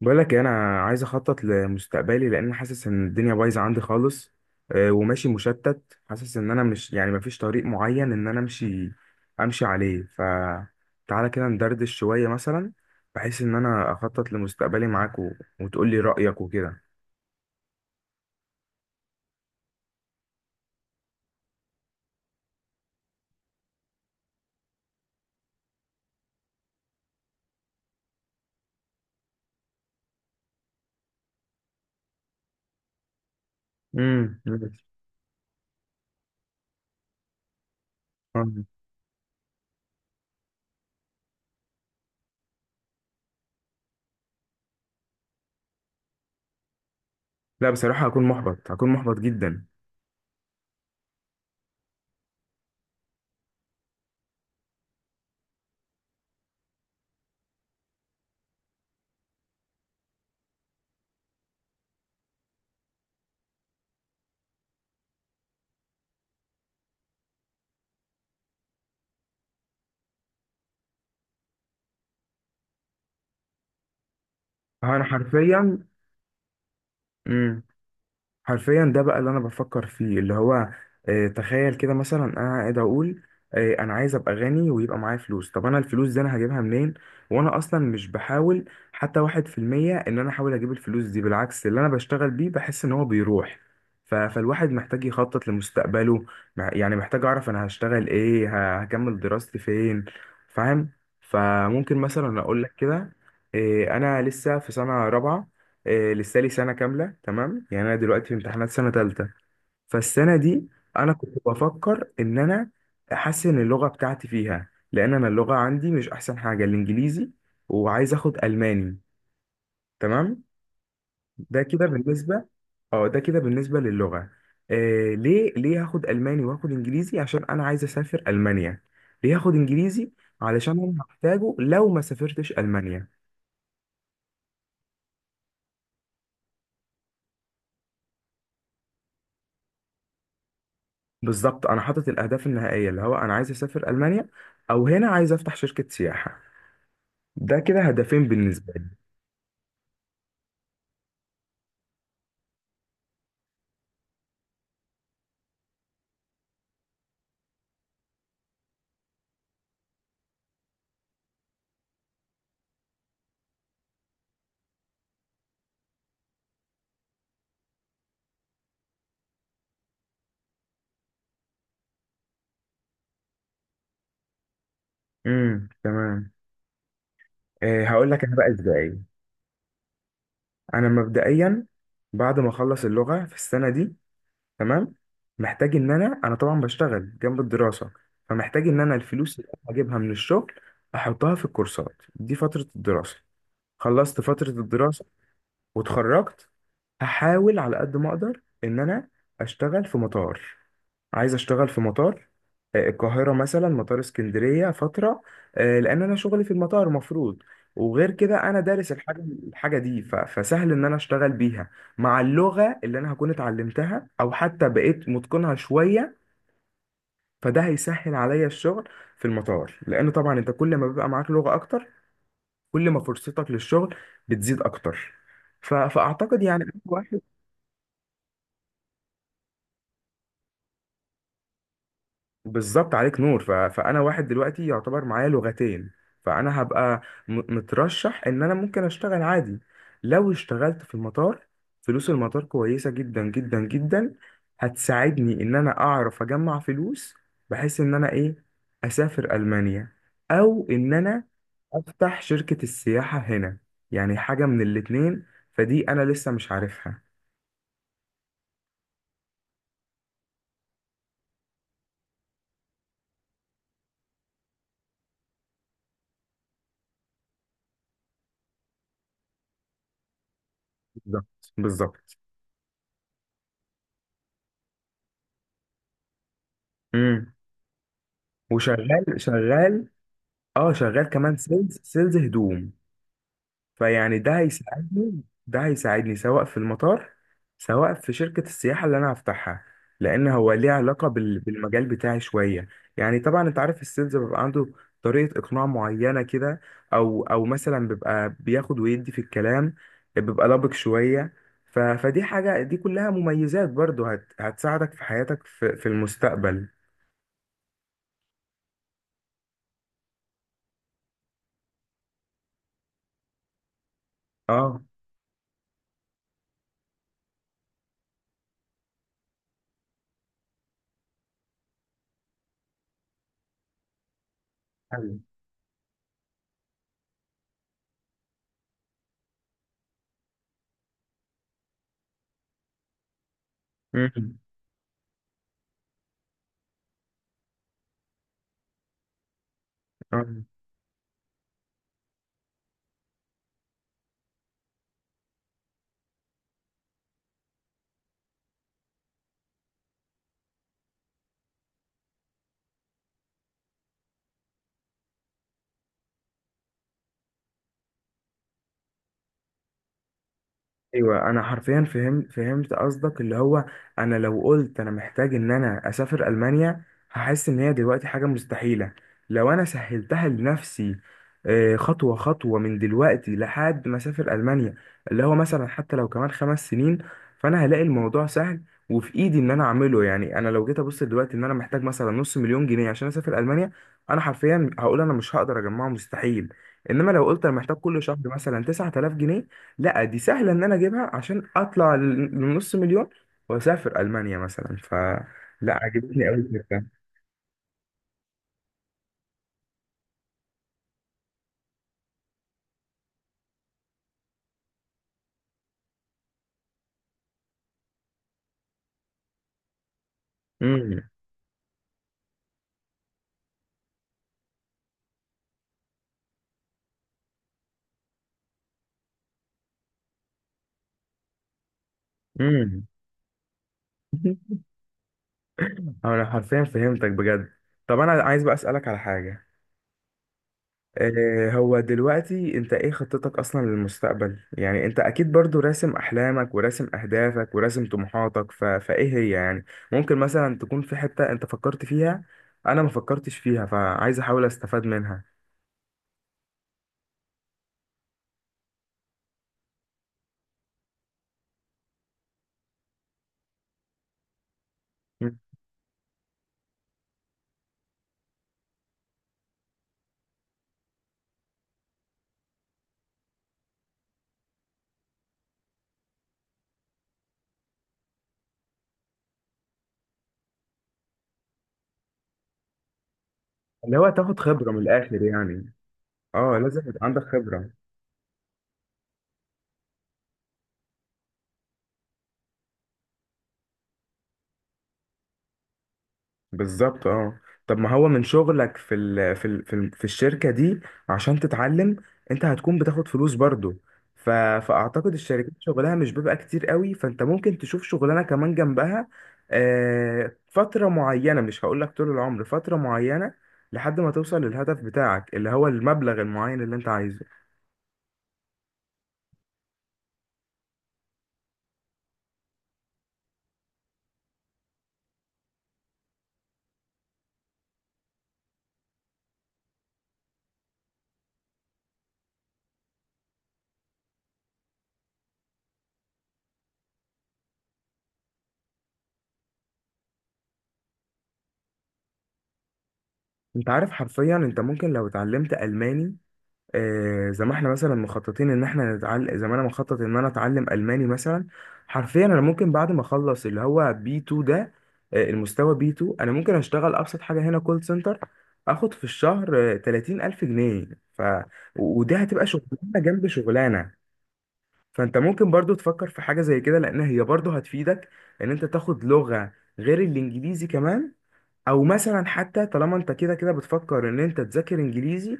بقول لك إيه، انا عايز اخطط لمستقبلي لان حاسس ان الدنيا بايظه عندي خالص. وماشي مشتت، حاسس ان انا مش يعني مفيش طريق معين ان انا امشي عليه. فتعالى كده ندردش شويه مثلا بحيث ان انا اخطط لمستقبلي معاك وتقول لي رايك وكده. امم. لا بصراحه هكون محبط، هكون محبط جدا. انا حرفيا مم. حرفيا ده بقى اللي انا بفكر فيه، اللي هو تخيل كده مثلا انا قاعد اقول، انا عايز ابقى غني ويبقى معايا فلوس. طب انا الفلوس دي انا هجيبها منين؟ وانا اصلا مش بحاول حتى واحد في المية ان انا احاول اجيب الفلوس دي، بالعكس اللي انا بشتغل بيه بحس ان هو بيروح. فالواحد محتاج يخطط لمستقبله، يعني محتاج اعرف انا هشتغل ايه، هكمل دراستي فين. فاهم؟ فممكن مثلا اقول لك كده، انا لسه في سنة رابعة، لسه لي سنة كاملة. تمام، يعني أنا دلوقتي في امتحانات سنة تالتة. فالسنة دي أنا كنت بفكر إن أنا أحسن اللغة بتاعتي فيها، لأن أنا اللغة عندي مش أحسن حاجة، الإنجليزي. وعايز آخد ألماني. تمام. ده كده بالنسبة. أه، ده كده بالنسبة للغة. ليه هاخد ألماني وهاخد إنجليزي؟ عشان أنا عايز أسافر ألمانيا. ليه هاخد إنجليزي؟ علشان أنا هحتاجه لو ما سافرتش ألمانيا. بالظبط، انا حاطط الاهداف النهائيه، اللي هو انا عايز اسافر المانيا، او هنا عايز افتح شركه سياحه. ده كده هدفين بالنسبه لي. امم، تمام. إيه، هقول لك انا بقى ازاي. انا مبدئيا بعد ما اخلص اللغه في السنه دي، تمام، محتاج ان انا، انا طبعا بشتغل جنب الدراسه، فمحتاج ان انا الفلوس اللي أنا هجيبها من الشغل احطها في الكورسات دي فتره الدراسه. خلصت فتره الدراسه واتخرجت، هحاول على قد ما اقدر ان انا اشتغل في مطار. عايز اشتغل في مطار، القاهرة مثلا، مطار اسكندرية فترة، لأن أنا شغلي في المطار مفروض، وغير كده أنا دارس الحاجة. الحاجة دي فسهل إن أنا أشتغل بيها، مع اللغة اللي أنا هكون اتعلمتها أو حتى بقيت متقنها شوية. فده هيسهل عليا الشغل في المطار، لأن طبعا أنت كل ما بيبقى معاك لغة أكتر، كل ما فرصتك للشغل بتزيد أكتر. فأعتقد يعني. بالظبط، عليك نور. فانا واحد دلوقتي يعتبر معايا لغتين، فانا هبقى مترشح ان انا ممكن اشتغل عادي لو اشتغلت في المطار. فلوس المطار كويسة جدا جدا جدا، هتساعدني ان انا اعرف اجمع فلوس بحيث ان انا ايه، اسافر المانيا، او ان انا افتح شركة السياحة هنا. يعني حاجة من الاتنين، فدي انا لسه مش عارفها. بالظبط، بالظبط. امم. وشغال شغال. اه، شغال كمان سيلز هدوم. فيعني ده هيساعدني سواء في المطار، سواء في شركة السياحة اللي انا هفتحها. لان هو ليه علاقة بالمجال بتاعي شوية. يعني طبعا انت عارف السيلز بيبقى عنده طريقة اقناع معينة كده، او مثلا بيبقى بياخد ويدي في الكلام، بيبقى لبق شوية. فدي حاجة، دي كلها مميزات برضو هتساعدك في حياتك في المستقبل. اه. أيوة. مم. آه. ايوه، انا حرفيا فهمت قصدك، اللي هو انا لو قلت انا محتاج ان انا اسافر المانيا، هحس ان هي دلوقتي حاجه مستحيله. لو انا سهلتها لنفسي، خطوه خطوه من دلوقتي لحد ما اسافر المانيا، اللي هو مثلا حتى لو كمان 5 سنين، فانا هلاقي الموضوع سهل وفي ايدي ان انا اعمله. يعني انا لو جيت ابص دلوقتي ان انا محتاج مثلا نص مليون جنيه عشان اسافر المانيا، انا حرفيا هقول انا مش هقدر اجمعه، مستحيل. انما لو قلت انا محتاج كل شهر مثلا 9000 جنيه، لا دي سهله ان انا اجيبها عشان اطلع لنص مليون واسافر المانيا مثلا. لا، عجبتني قوي الفكره. امم. امم. انا حرفيا فهمتك بجد. طب انا عايز بقى اسالك على حاجه. إيه هو دلوقتي انت ايه خطتك اصلا للمستقبل؟ يعني انت اكيد برضو راسم احلامك وراسم اهدافك وراسم طموحاتك، فايه هي يعني. ممكن مثلا تكون في حته انت فكرت فيها، انا ما فكرتش فيها فعايز احاول استفاد منها. مم. اللي هو تاخد خبره من الاخر يعني. اه، لازم يبقى عندك خبرة. بالظبط، اه. طب ما هو من شغلك في الشركة دي عشان تتعلم، انت هتكون بتاخد فلوس برضو. ف فاعتقد الشركات شغلها مش بيبقى كتير قوي، فانت ممكن تشوف شغلانة كمان جنبها. فترة معينة، مش هقولك طول العمر، فترة معينة لحد ما توصل للهدف بتاعك اللي هو المبلغ المعين اللي انت عايزه. انت عارف، حرفيا انت ممكن لو اتعلمت ألماني، زي ما احنا مثلا مخططين ان احنا نتعلم، زي ما انا مخطط ان انا اتعلم الماني مثلا، حرفيا انا ممكن بعد ما اخلص اللي هو بي 2 ده، المستوى بي 2، انا ممكن اشتغل ابسط حاجه هنا كول سنتر. اخد في الشهر 30000 جنيه. ف ودي هتبقى شغلانه جنب شغلانه. فانت ممكن برضو تفكر في حاجه زي كده، لان هي برضو هتفيدك ان انت تاخد لغه غير الانجليزي كمان، او مثلا حتى طالما انت كده كده بتفكر ان انت تذاكر انجليزي،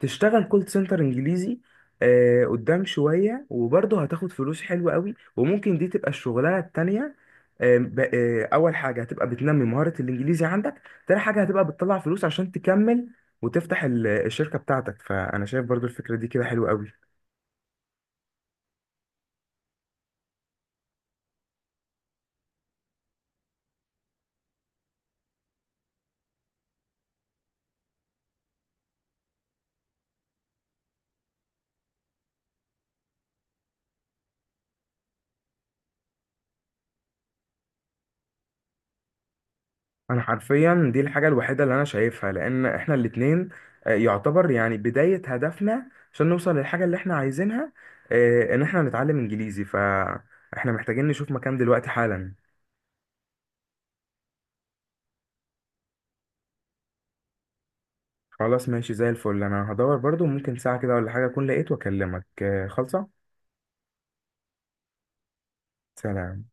تشتغل كول سنتر انجليزي قدام شوية وبرضه هتاخد فلوس حلوة قوي. وممكن دي تبقى الشغلانة التانية. اول حاجة هتبقى بتنمي مهارة الانجليزي عندك، تاني حاجة هتبقى بتطلع فلوس عشان تكمل وتفتح الشركة بتاعتك. فانا شايف برضه الفكرة دي كده حلوة قوي. انا حرفيا دي الحاجه الوحيده اللي انا شايفها، لان احنا الاتنين يعتبر يعني بدايه هدفنا عشان نوصل للحاجه اللي احنا عايزينها، ان احنا نتعلم انجليزي. فاحنا محتاجين نشوف مكان دلوقتي حالا. خلاص ماشي، زي الفل. انا هدور برضو، ممكن ساعه كده ولا حاجه اكون لقيت واكلمك. خلصه. سلام.